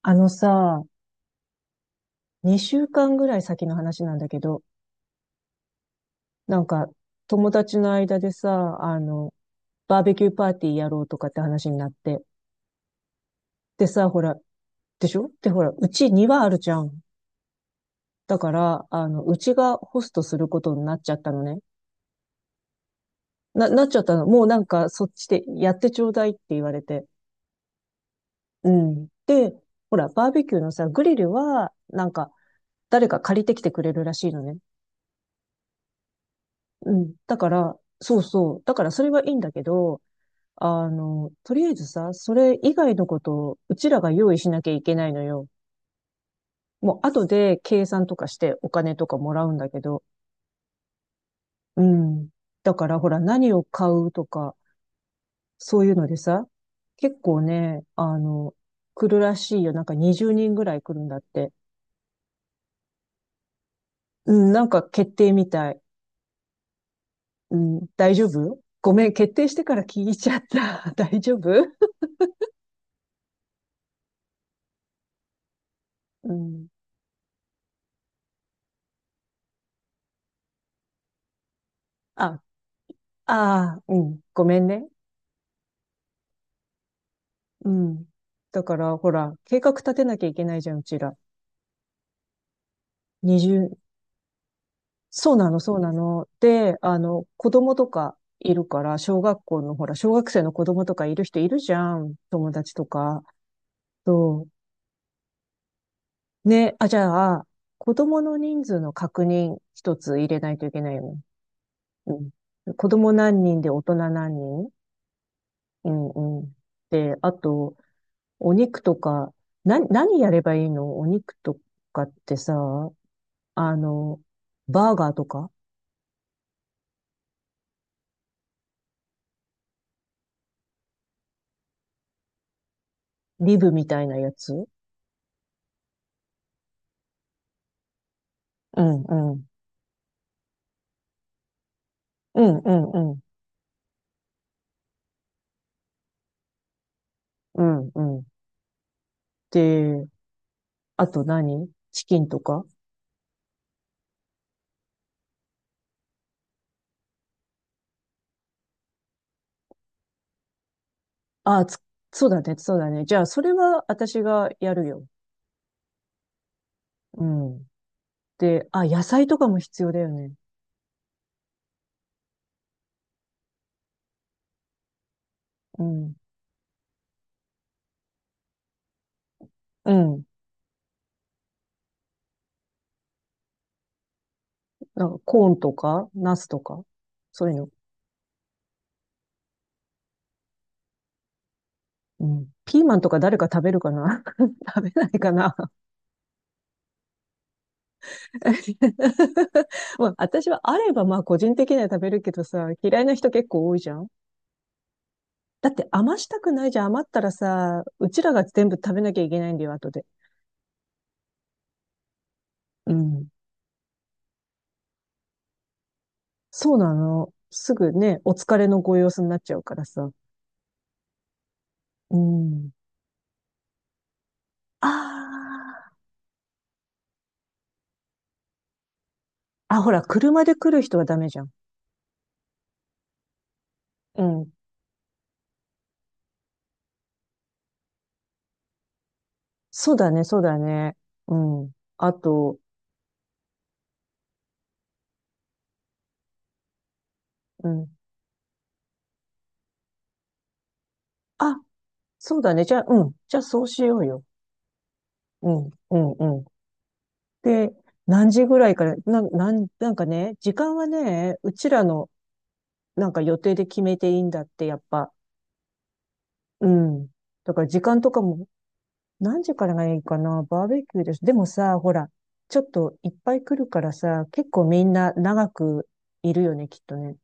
あのさ、2週間ぐらい先の話なんだけど、なんか友達の間でさ、バーベキューパーティーやろうとかって話になって。でさ、ほら、でしょ。で、ほら、うち庭あるじゃん。だから、うちがホストすることになっちゃったのね。なっちゃったの。もうなんかそっちでやってちょうだいって言われて。うん。で、ほら、バーベキューのさ、グリルは、なんか、誰か借りてきてくれるらしいのね。うん。だから、そうそう。だからそれはいいんだけど、とりあえずさ、それ以外のことをうちらが用意しなきゃいけないのよ。もう後で計算とかしてお金とかもらうんだけど。うん。だからほら何を買うとか、そういうのでさ、結構ね、来るらしいよ。なんか20人ぐらい来るんだって。うん、なんか決定みたい。うん、大丈夫？ごめん、決定してから聞いちゃった。大丈夫？うん。あ、ああ、うん、ごめんね。うん。だから、ほら、計画立てなきゃいけないじゃん、うちら。二十、そうなの、そうなの。で、子供とかいるから、小学校の、ほら、小学生の子供とかいる人いるじゃん、友達とか。そう。ね、あ、じゃあ、子供の人数の確認一つ入れないといけないよね。うん。子供何人で大人何人。うんうん。で、あと、お肉とか、何やればいいのお肉とかってさ、あの、バーガーとか、リブみたいなやつ。うんうん。うんうんうん。うんうん。で、あと何チキンとか。あ、つ、そうだね、そうだね。じゃあ、それは私がやるよ。うん。で、あ、野菜とかも必要だよね。うん。うん。なんか、コーンとか、ナスとか、そういうの。うん。ピーマンとか誰か食べるかな？ 食べないかな？ まあ、私はあれば、まあ、個人的には食べるけどさ、嫌いな人結構多いじゃん。だって余したくないじゃん。余ったらさ、うちらが全部食べなきゃいけないんだよ、後で。うん。そうなの。すぐね、お疲れのご様子になっちゃうからさ。うん。ああ。あ、ほら、車で来る人はダメじゃん。うん。そうだね、そうだね。うん。あと、うん。あ、そうだね。じゃあ、うん。じゃあ、そうしようよ。うん、うん、うん。で、何時ぐらいから、なんかね、時間はね、うちらの、なんか予定で決めていいんだって、やっぱ。うん。だから時間とかも。何時からがいいかな、バーベキューです。でもさ、ほら、ちょっといっぱい来るからさ、結構みんな長くいるよね、きっとね。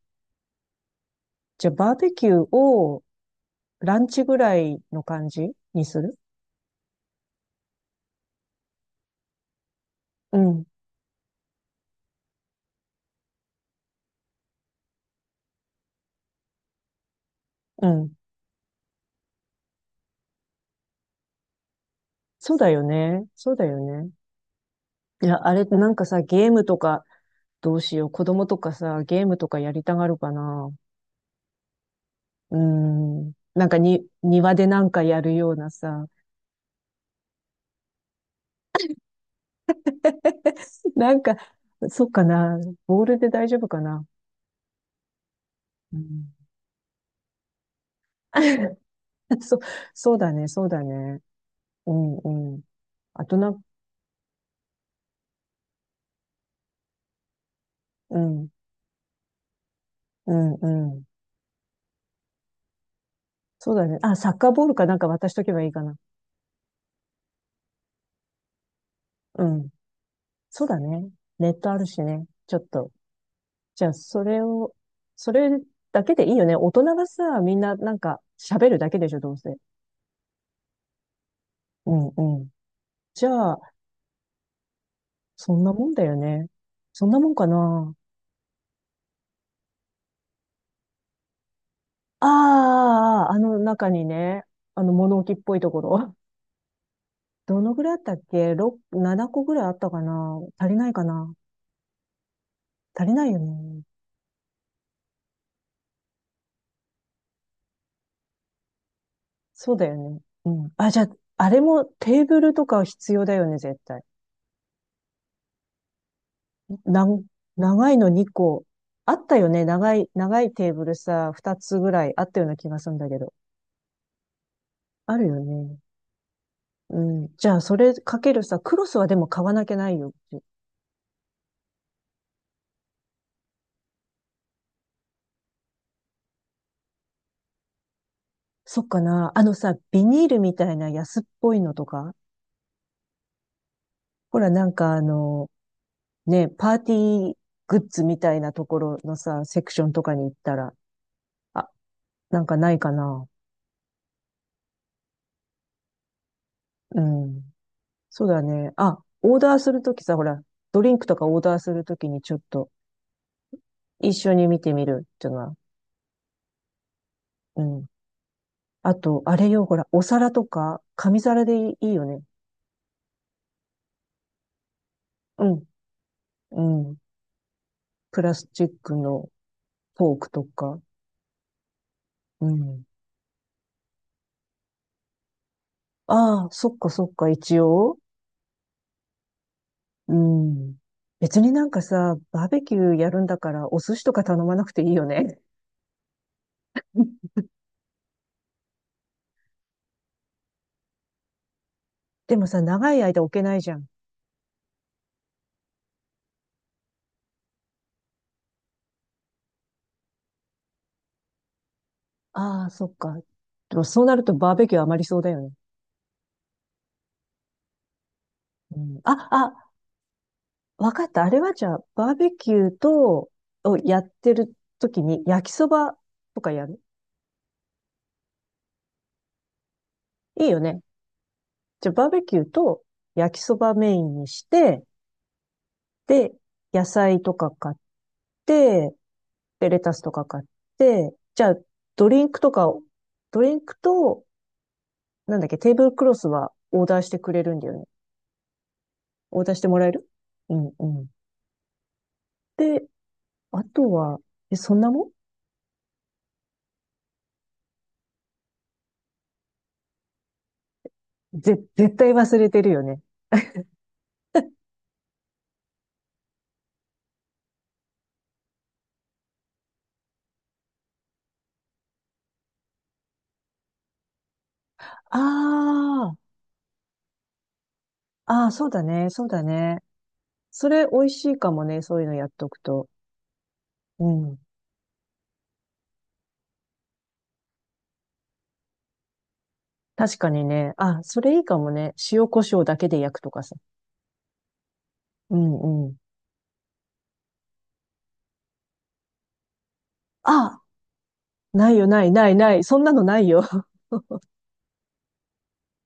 じゃあバーベキューをランチぐらいの感じにする？うん、うん。そうだよね。そうだよね。いや、あれ、なんかさ、ゲームとか、どうしよう。子供とかさ、ゲームとかやりたがるかな。うーん。なんかに、庭でなんかやるようなさ。なんか、そっかな。ボールで大丈夫かな。うん、そ、そうだね、そうだね。うん、うん。あとな、うん、うん、うん。そうだね。あ、サッカーボールかなんか渡しとけばいいかな。うん。そうだね。ネットあるしね。ちょっと。じゃあ、それだけでいいよね。大人がさ、みんななんか喋るだけでしょ、どうせ。うん、うん。じゃあ、そんなもんだよね。そんなもんかな。ああ、あああの中にね、あの物置っぽいところ。どのぐらいあったっけ？ 6、7個ぐらいあったかな。足りないかな。足りないよね。そうだよね。うん。あ、じゃあ、あれもテーブルとか必要だよね、絶対。なん、長いの2個。あったよね。長い、長いテーブルさ、2つぐらいあったような気がするんだけど。あるよね。うん。じゃあ、それかけるさ、クロスはでも買わなきゃないよ。そっかな。あのさ、ビニールみたいな安っぽいのとか、ほら、なんかね、パーティーグッズみたいなところのさ、セクションとかに行ったら、あ、なんかないかな。うん。そうだね。あ、オーダーするときさ、ほら、ドリンクとかオーダーするときにちょっと一緒に見てみるっていうのは。うん。あと、あれよ、ほら、お皿とか、紙皿でいいよね。うん。うん。プラスチックのフォークとか。うん。ああ、そっかそっか、一応。うん。別になんかさ、バーベキューやるんだからお寿司とか頼まなくていいよね。でもさ、長い間置けないじゃん。ああ、そっか。でもそうなるとバーベキュー余りそうだよね。うん、あ、あ、わかった。あれはじゃあ、バーベキューと、をやってる時に焼きそばとかやる？いいよね。じゃあ、バーベキューと焼きそばメインにして、で、野菜とか買って、で、レタスとか買って、じゃあ、ドリンクとかを、ドリンクと、なんだっけ、テーブルクロスはオーダーしてくれるんだよね。オーダーしてもらえる？うんうん。で、あとは、え、そんなもん？絶対忘れてるよね。ああ、ああ、そうだね、そうだね。それ美味しいかもね、そういうのやっとくと。うん。確かにね。あ、それいいかもね。塩コショウだけで焼くとかさ。うんうん。あ、ないよ、ない、ない、ない。そんなのないよ。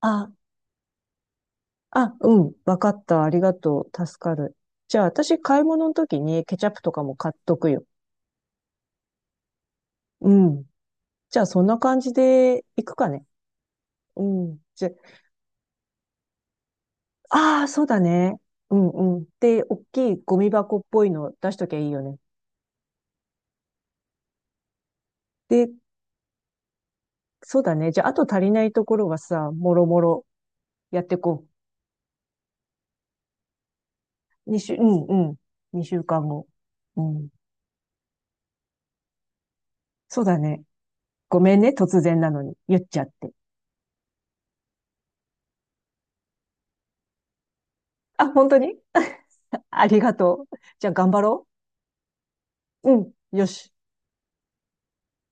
あ、あ、うん。わかった。ありがとう。助かる。じゃあ、私、買い物の時にケチャップとかも買っとくよ。うん。じゃあ、そんな感じで行くかね。うん。じゃ、ああ、そうだね。うんうん。で、大きいゴミ箱っぽいの出しときゃいいよね。で、そうだね。じゃあ、あと足りないところはさ、もろもろやってこう。うんうん。二週間後。うん。そうだね。ごめんね、突然なのに。言っちゃって。あ、本当に？ ありがとう。じゃあ、頑張ろう。うん。よし。